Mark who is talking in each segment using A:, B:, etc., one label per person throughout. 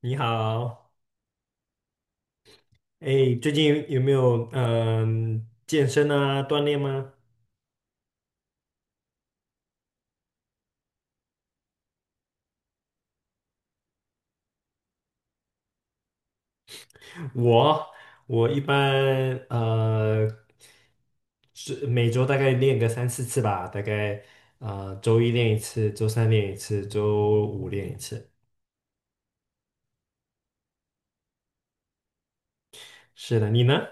A: 你好，哎，最近有没有健身啊锻炼吗？我我一般呃是每周大概练个三四次吧，大概周一练一次，周三练一次，周五练一次。是的，你呢？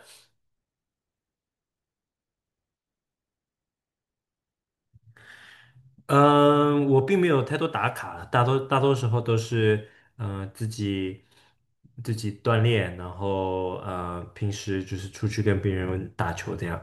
A: 嗯、我并没有太多打卡，大多时候都是嗯、呃自己自己锻炼，然后平时就是出去跟别人打球这样。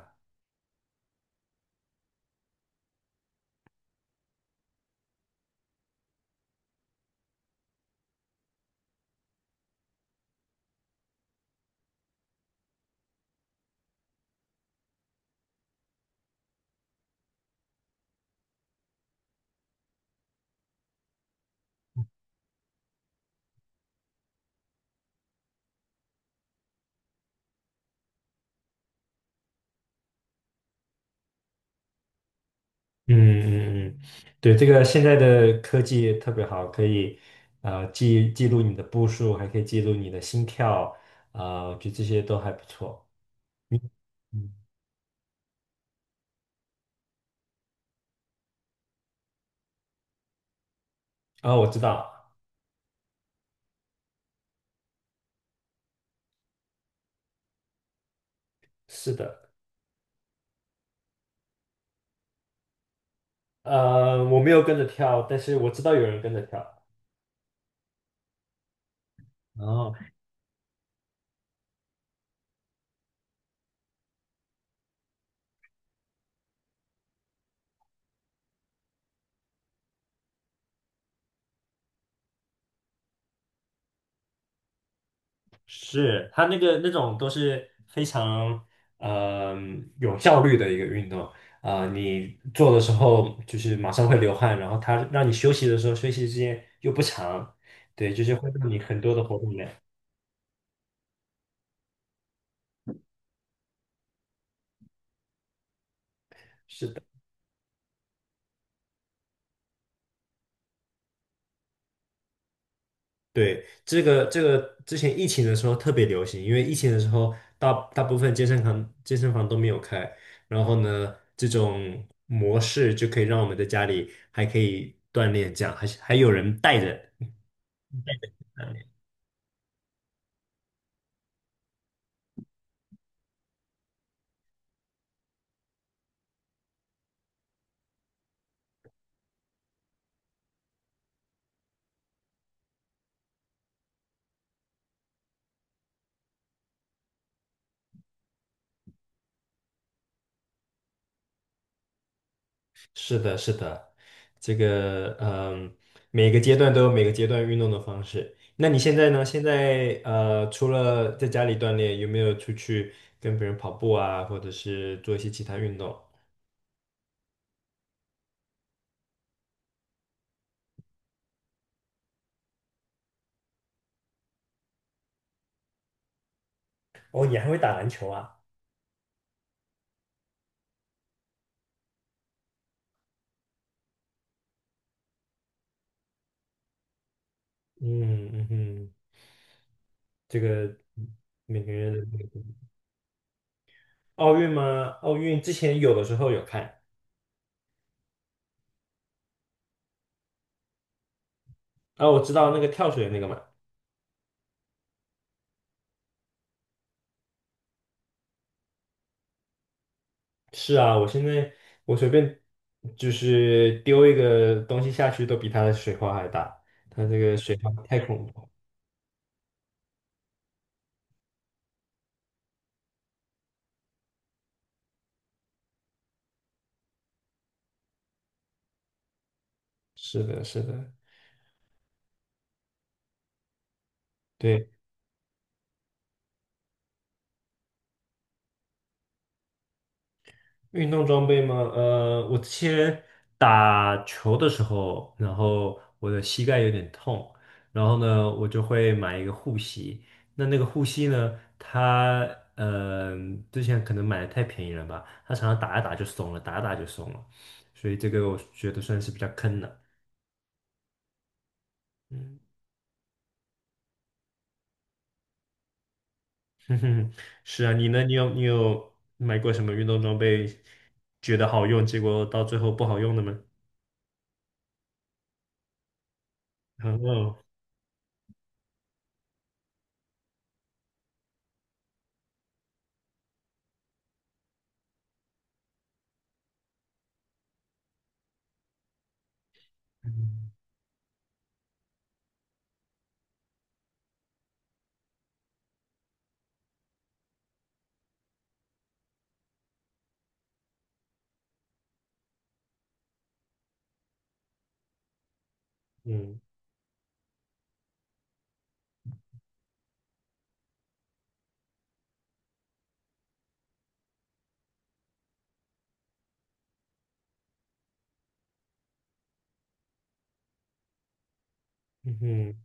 A: 嗯嗯嗯，对，这个现在的科技特别好，可以记录你的步数，还可以记录你的心跳，我觉得这些都还不错。嗯，嗯。我知道。是的。呃，我没有跟着跳，但是我知道有人跟着跳。哦，是，他那个那种都是非常呃有效率的一个运动。你做的时候就是马上会流汗，然后它让你休息的时候休息时间又不长，对，就是会让你很多的活动量。是的。对，这个之前疫情的时候特别流行，因为疫情的时候大部分健身房都没有开，然后呢这种模式就可以让我们在家里还可以锻炼，这样还是还有人带着。是的，是的，这个嗯，每个阶段都有每个阶段运动的方式。那你现在呢？现在，除了在家里锻炼，有没有出去跟别人跑步啊，或者是做一些其他运动？哦，你还会打篮球啊？嗯嗯哼，这个每个人的那个。奥运吗？奥运之前有的时候有看。啊，我知道那个跳水那个嘛。是啊，我现在我随便就是丢一个东西下去，都比它的水花还大。它这个水花太恐怖了。是的，是的。对，运动装备嘛，呃，我之前打球的时候，然后我的膝盖有点痛，然后呢，我就会买一个护膝。那那个护膝呢，它呃之前可能买的太便宜了吧，它常常打一打就松了，打一打就松了，所以这个我觉得算是比较坑的。嗯。哼哼，是啊，你呢？你有买过什么运动装备，觉得好用，结果到最后不好用的吗？然后，嗯嗯嗯哼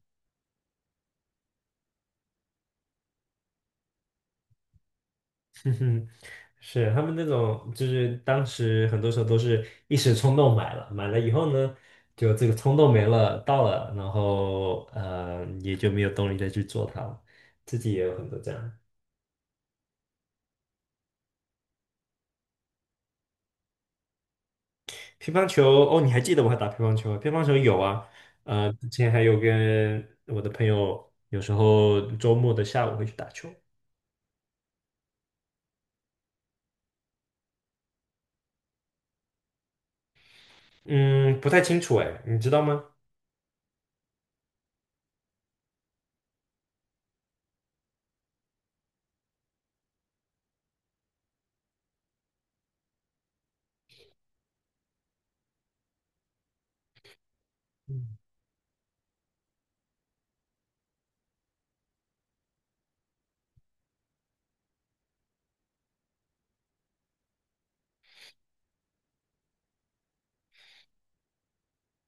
A: 哼哼，是他们那种，就是当时很多时候都是一时冲动买了，买了以后呢，就这个冲动没了，到了，然后，也就没有动力再去做它了。自己也有很多这样。乒乓球哦，你还记得我还打乒乓球？啊？乒乓球有啊，呃，之前还有跟我的朋友，有时候周末的下午会去打球。嗯，不太清楚哎，你知道吗？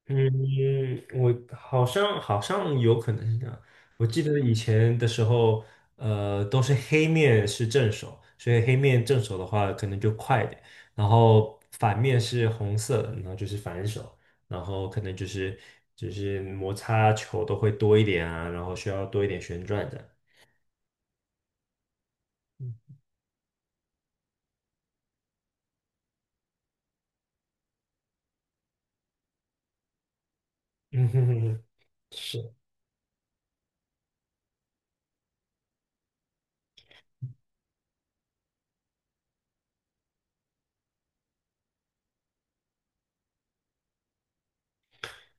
A: 嗯，我好像有可能是这样。我记得以前的时候，呃，都是黑面是正手，所以黑面正手的话可能就快一点，然后反面是红色的然后就是反手，然后可能就是就是摩擦球都会多一点啊，然后需要多一点旋转的。嗯哼哼哼，是。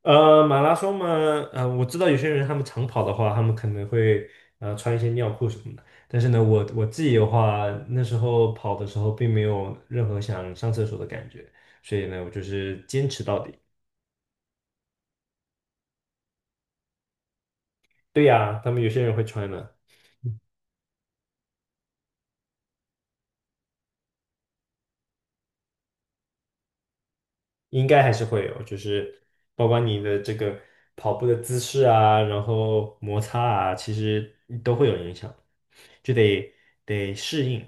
A: 呃，马拉松嘛，呃，我知道有些人他们长跑的话，他们可能会穿一些尿裤什么的。但是呢，我我自己的话，那时候跑的时候并没有任何想上厕所的感觉，所以呢，我就是坚持到底。对呀，他们有些人会穿的。应该还是会有，就是包括你的这个跑步的姿势啊，然后摩擦啊，其实都会有影响，就得得适应。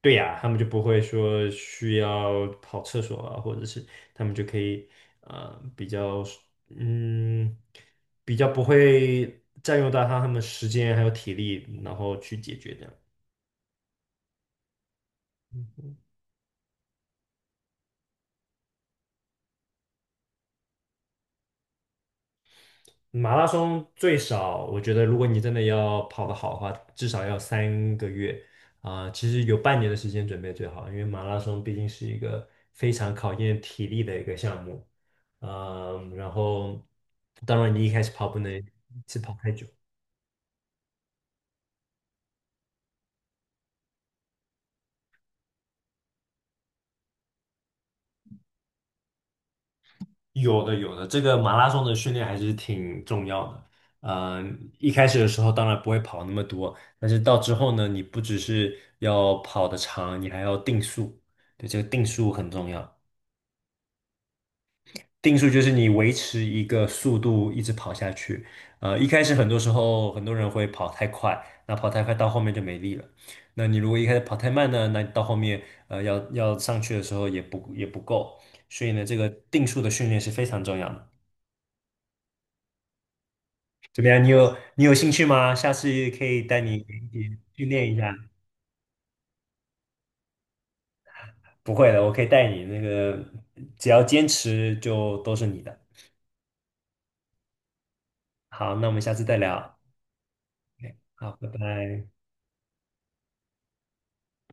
A: 对呀，他们就不会说需要跑厕所啊，或者是他们就可以比较嗯比较不会占用到他们时间还有体力，然后去解决这样。马拉松最少，我觉得如果你真的要跑得好的话，至少要三个月啊，其实有半年的时间准备最好，因为马拉松毕竟是一个非常考验体力的一个项目。嗯，然后当然你一开始跑不能一次跑太久。有的有的，这个马拉松的训练还是挺重要的。一开始的时候当然不会跑那么多，但是到之后呢，你不只是要跑得长，你还要定速。对，这个定速很重要。定速就是你维持一个速度一直跑下去。呃，一开始很多时候很多人会跑太快，那跑太快到后面就没力了。那你如果一开始跑太慢呢，那你到后面要上去的时候也不够。所以呢，这个定速的训练是非常重要的。怎么样？你有兴趣吗？下次可以带你一起训练一下。不会的，我可以带你。那个只要坚持，就都是你的。好，那我们下次再聊。好，拜拜。